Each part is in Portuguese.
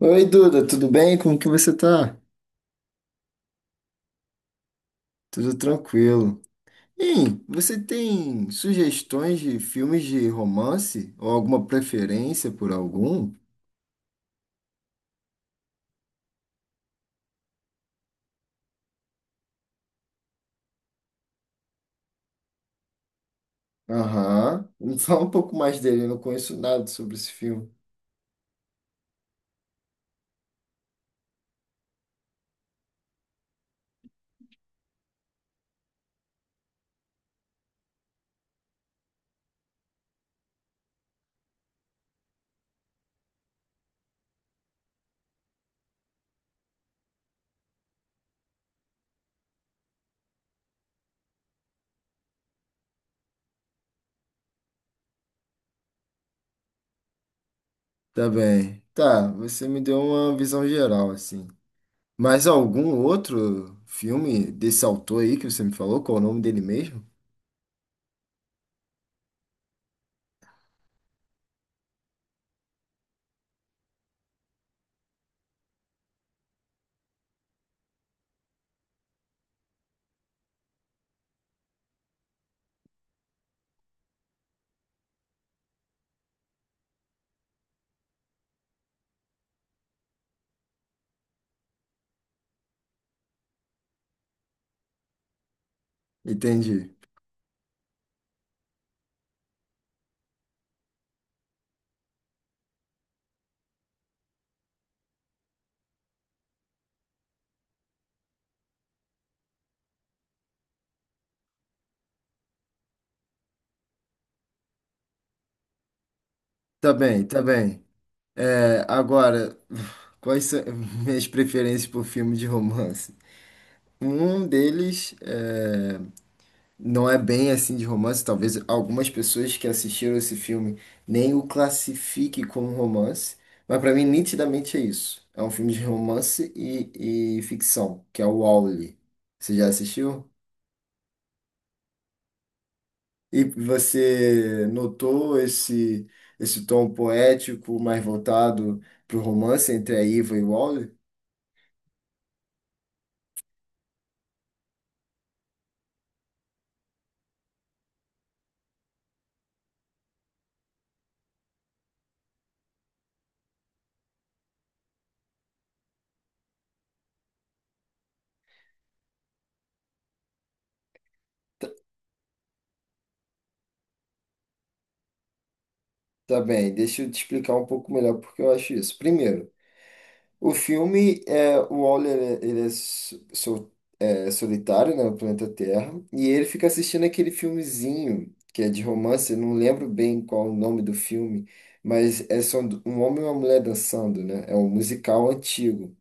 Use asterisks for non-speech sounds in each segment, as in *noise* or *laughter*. Oi, Duda, tudo bem? Como que você tá? Tudo tranquilo. Hein, você tem sugestões de filmes de romance? Ou alguma preferência por algum? Aham. Me Fala *laughs* um pouco mais dele, eu não conheço nada sobre esse filme. Tá bem. Tá, você me deu uma visão geral, assim. Mas algum outro filme desse autor aí que você me falou? Qual o nome dele mesmo? Entendi. Tá bem, tá bem. É, agora, *sighs* quais são *laughs* minhas preferências por filme de romance? Um deles é, não é bem assim de romance, talvez algumas pessoas que assistiram esse filme nem o classifiquem como romance, mas para mim nitidamente é isso. É um filme de romance e ficção, que é o Wall-E. Você já assistiu? E você notou esse tom poético mais voltado para o romance entre a Iva e o Wall-E? Tá bem, deixa eu te explicar um pouco melhor porque eu acho isso. Primeiro, o filme, é, o Waller, ele é, é, solitário, né, no planeta Terra, e ele fica assistindo aquele filmezinho, que é de romance, eu não lembro bem qual o nome do filme, mas é só um homem e uma mulher dançando, né, é um musical antigo.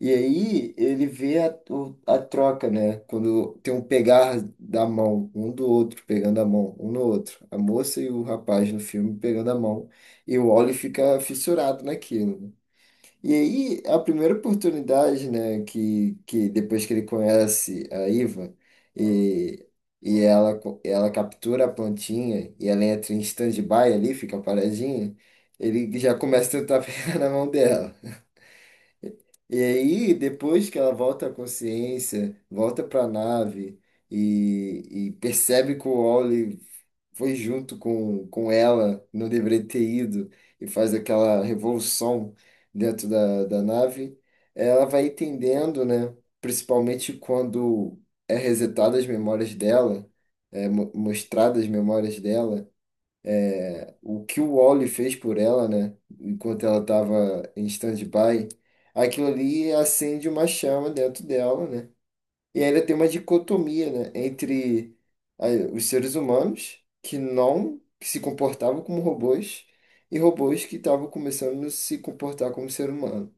E aí ele vê a, a troca, né, quando tem um pegar da mão, um do outro pegando a mão, um no outro, a moça e o rapaz no filme pegando a mão, e o Waller fica fissurado naquilo. E aí, a primeira oportunidade, né, que depois que ele conhece a Iva, e, e ela, ela captura a plantinha, e ela entra em stand-by ali, fica paradinha, ele já começa a tentar *laughs* pegar na mão dela. E aí, depois que ela volta à consciência, volta para a nave e, e percebe que o Wally foi junto com ela, não deveria ter ido, e faz aquela revolução dentro da nave, ela vai entendendo, né? Principalmente quando é resetada as memórias dela, é mostrada as memórias dela o que o Wally fez por ela, né? Enquanto ela estava em stand-by, aquilo ali acende uma chama dentro dela, né? E ainda tem uma dicotomia, né? Entre ah, os seres humanos que não que se comportavam como robôs e robôs que estavam começando a se comportar como ser humano.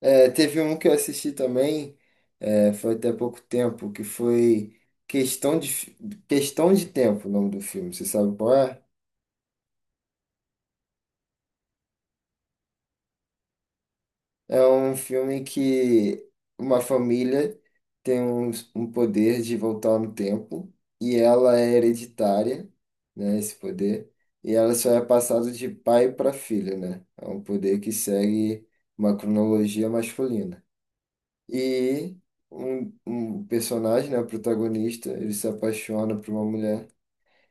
É, teve um que eu assisti também, é, foi até pouco tempo, que foi Questão de, Fi- Questão de Tempo, o nome do filme. Você sabe qual é? É um filme que uma família tem um poder de voltar no tempo e ela é hereditária, né, esse poder, e ela só é passada de pai para filho, né? É um poder que segue uma cronologia masculina. E um personagem, né, o protagonista, ele se apaixona por uma mulher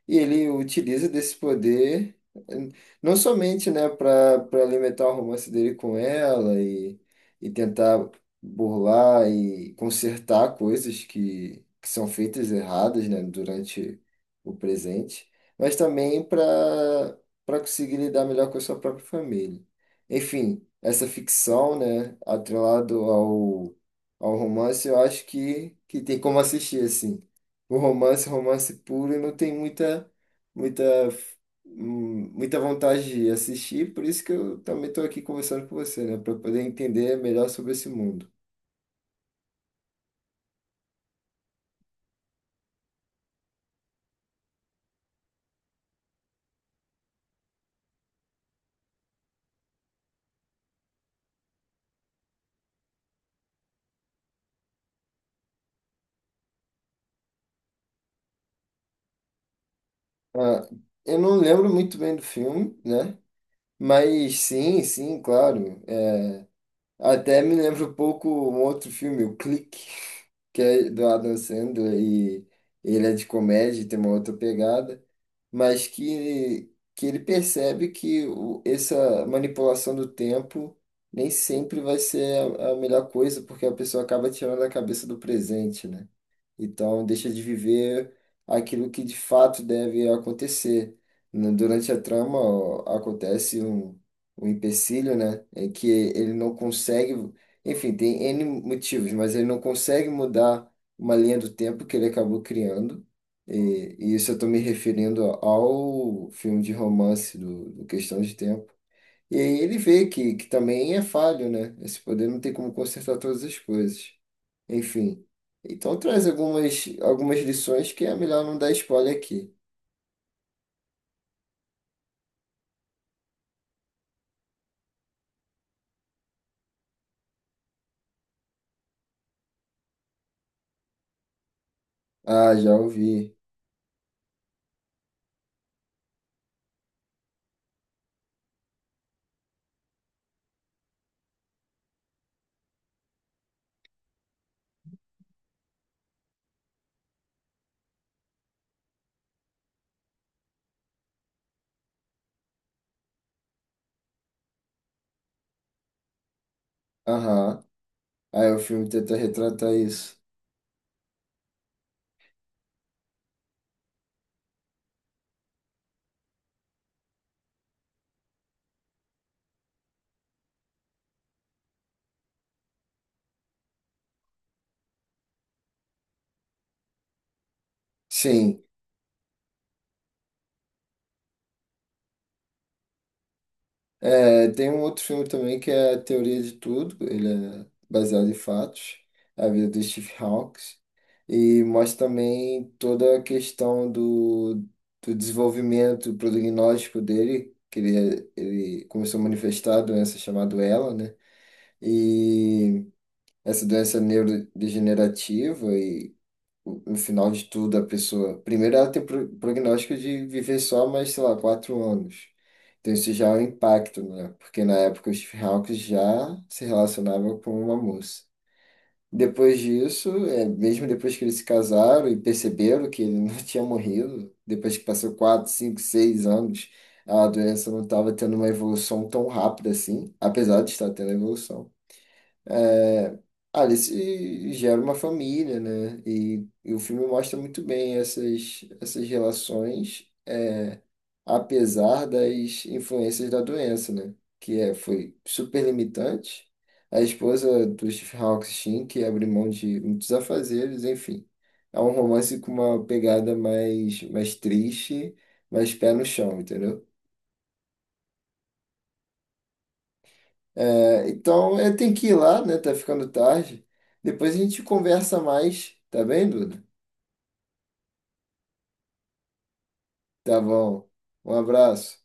e ele utiliza desse poder, eh, não somente, né, para alimentar o romance dele com ela e tentar burlar e consertar coisas que são feitas erradas, né, durante o presente, mas também para conseguir lidar melhor com a sua própria família. Enfim, essa ficção, né, atrelado ao, ao romance, eu acho que tem como assistir, assim. O romance, romance puro, eu não tenho muita, muita, muita vontade de assistir, por isso que eu também estou aqui conversando com você, né? Para poder entender melhor sobre esse mundo. Ah, eu não lembro muito bem do filme, né? Mas sim, sim, claro. É, até me lembro um pouco um outro filme, o Clique, que é do Adam Sandler e ele é de comédia, tem uma outra pegada. Mas que ele percebe que essa manipulação do tempo nem sempre vai ser a melhor coisa, porque a pessoa acaba tirando a cabeça do presente, né? Então, deixa de viver aquilo que de fato deve acontecer. Durante a trama, ó, acontece um, um empecilho, né? É que ele não consegue. Enfim, tem N motivos, mas ele não consegue mudar uma linha do tempo que ele acabou criando. E isso eu estou me referindo ao filme de romance do, do Questão de Tempo. E aí ele vê que também é falho, né? Esse poder não tem como consertar todas as coisas. Enfim. Então traz algumas, algumas lições que é melhor não dar spoiler aqui. Ah, já ouvi. Aham. Aí o filme tenta retratar isso. Sim. É, tem um outro filme também que é a Teoria de Tudo. Ele é baseado em fatos. A vida do Steve Hawkes. E mostra também toda a questão do, do desenvolvimento prognóstico dele, ele começou a manifestar a doença chamada ELA, né? E essa doença neurodegenerativa e no final de tudo a pessoa, primeiro ela tem prognóstico de viver só mais, sei lá, 4 anos. Então isso já é um impacto, né? Porque na época os Hawks já se relacionava com uma moça. Depois disso, é, mesmo depois que eles se casaram e perceberam que ele não *laughs* tinha morrido, depois que passou 4, 5, 6 anos, a doença não estava tendo uma evolução tão rápida assim, apesar de estar tendo evolução. É, se gera uma família, né? E o filme mostra muito bem essas, essas relações, apesar das influências da doença, né? Que é, foi super limitante. A esposa do Stephen Hawking, que abre mão de muitos afazeres, enfim. É um romance com uma pegada mais, mais triste, mais pé no chão, entendeu? É, então, eu tenho que ir lá, né? Tá ficando tarde. Depois a gente conversa mais, tá bem, Duda? Tá bom. Um abraço.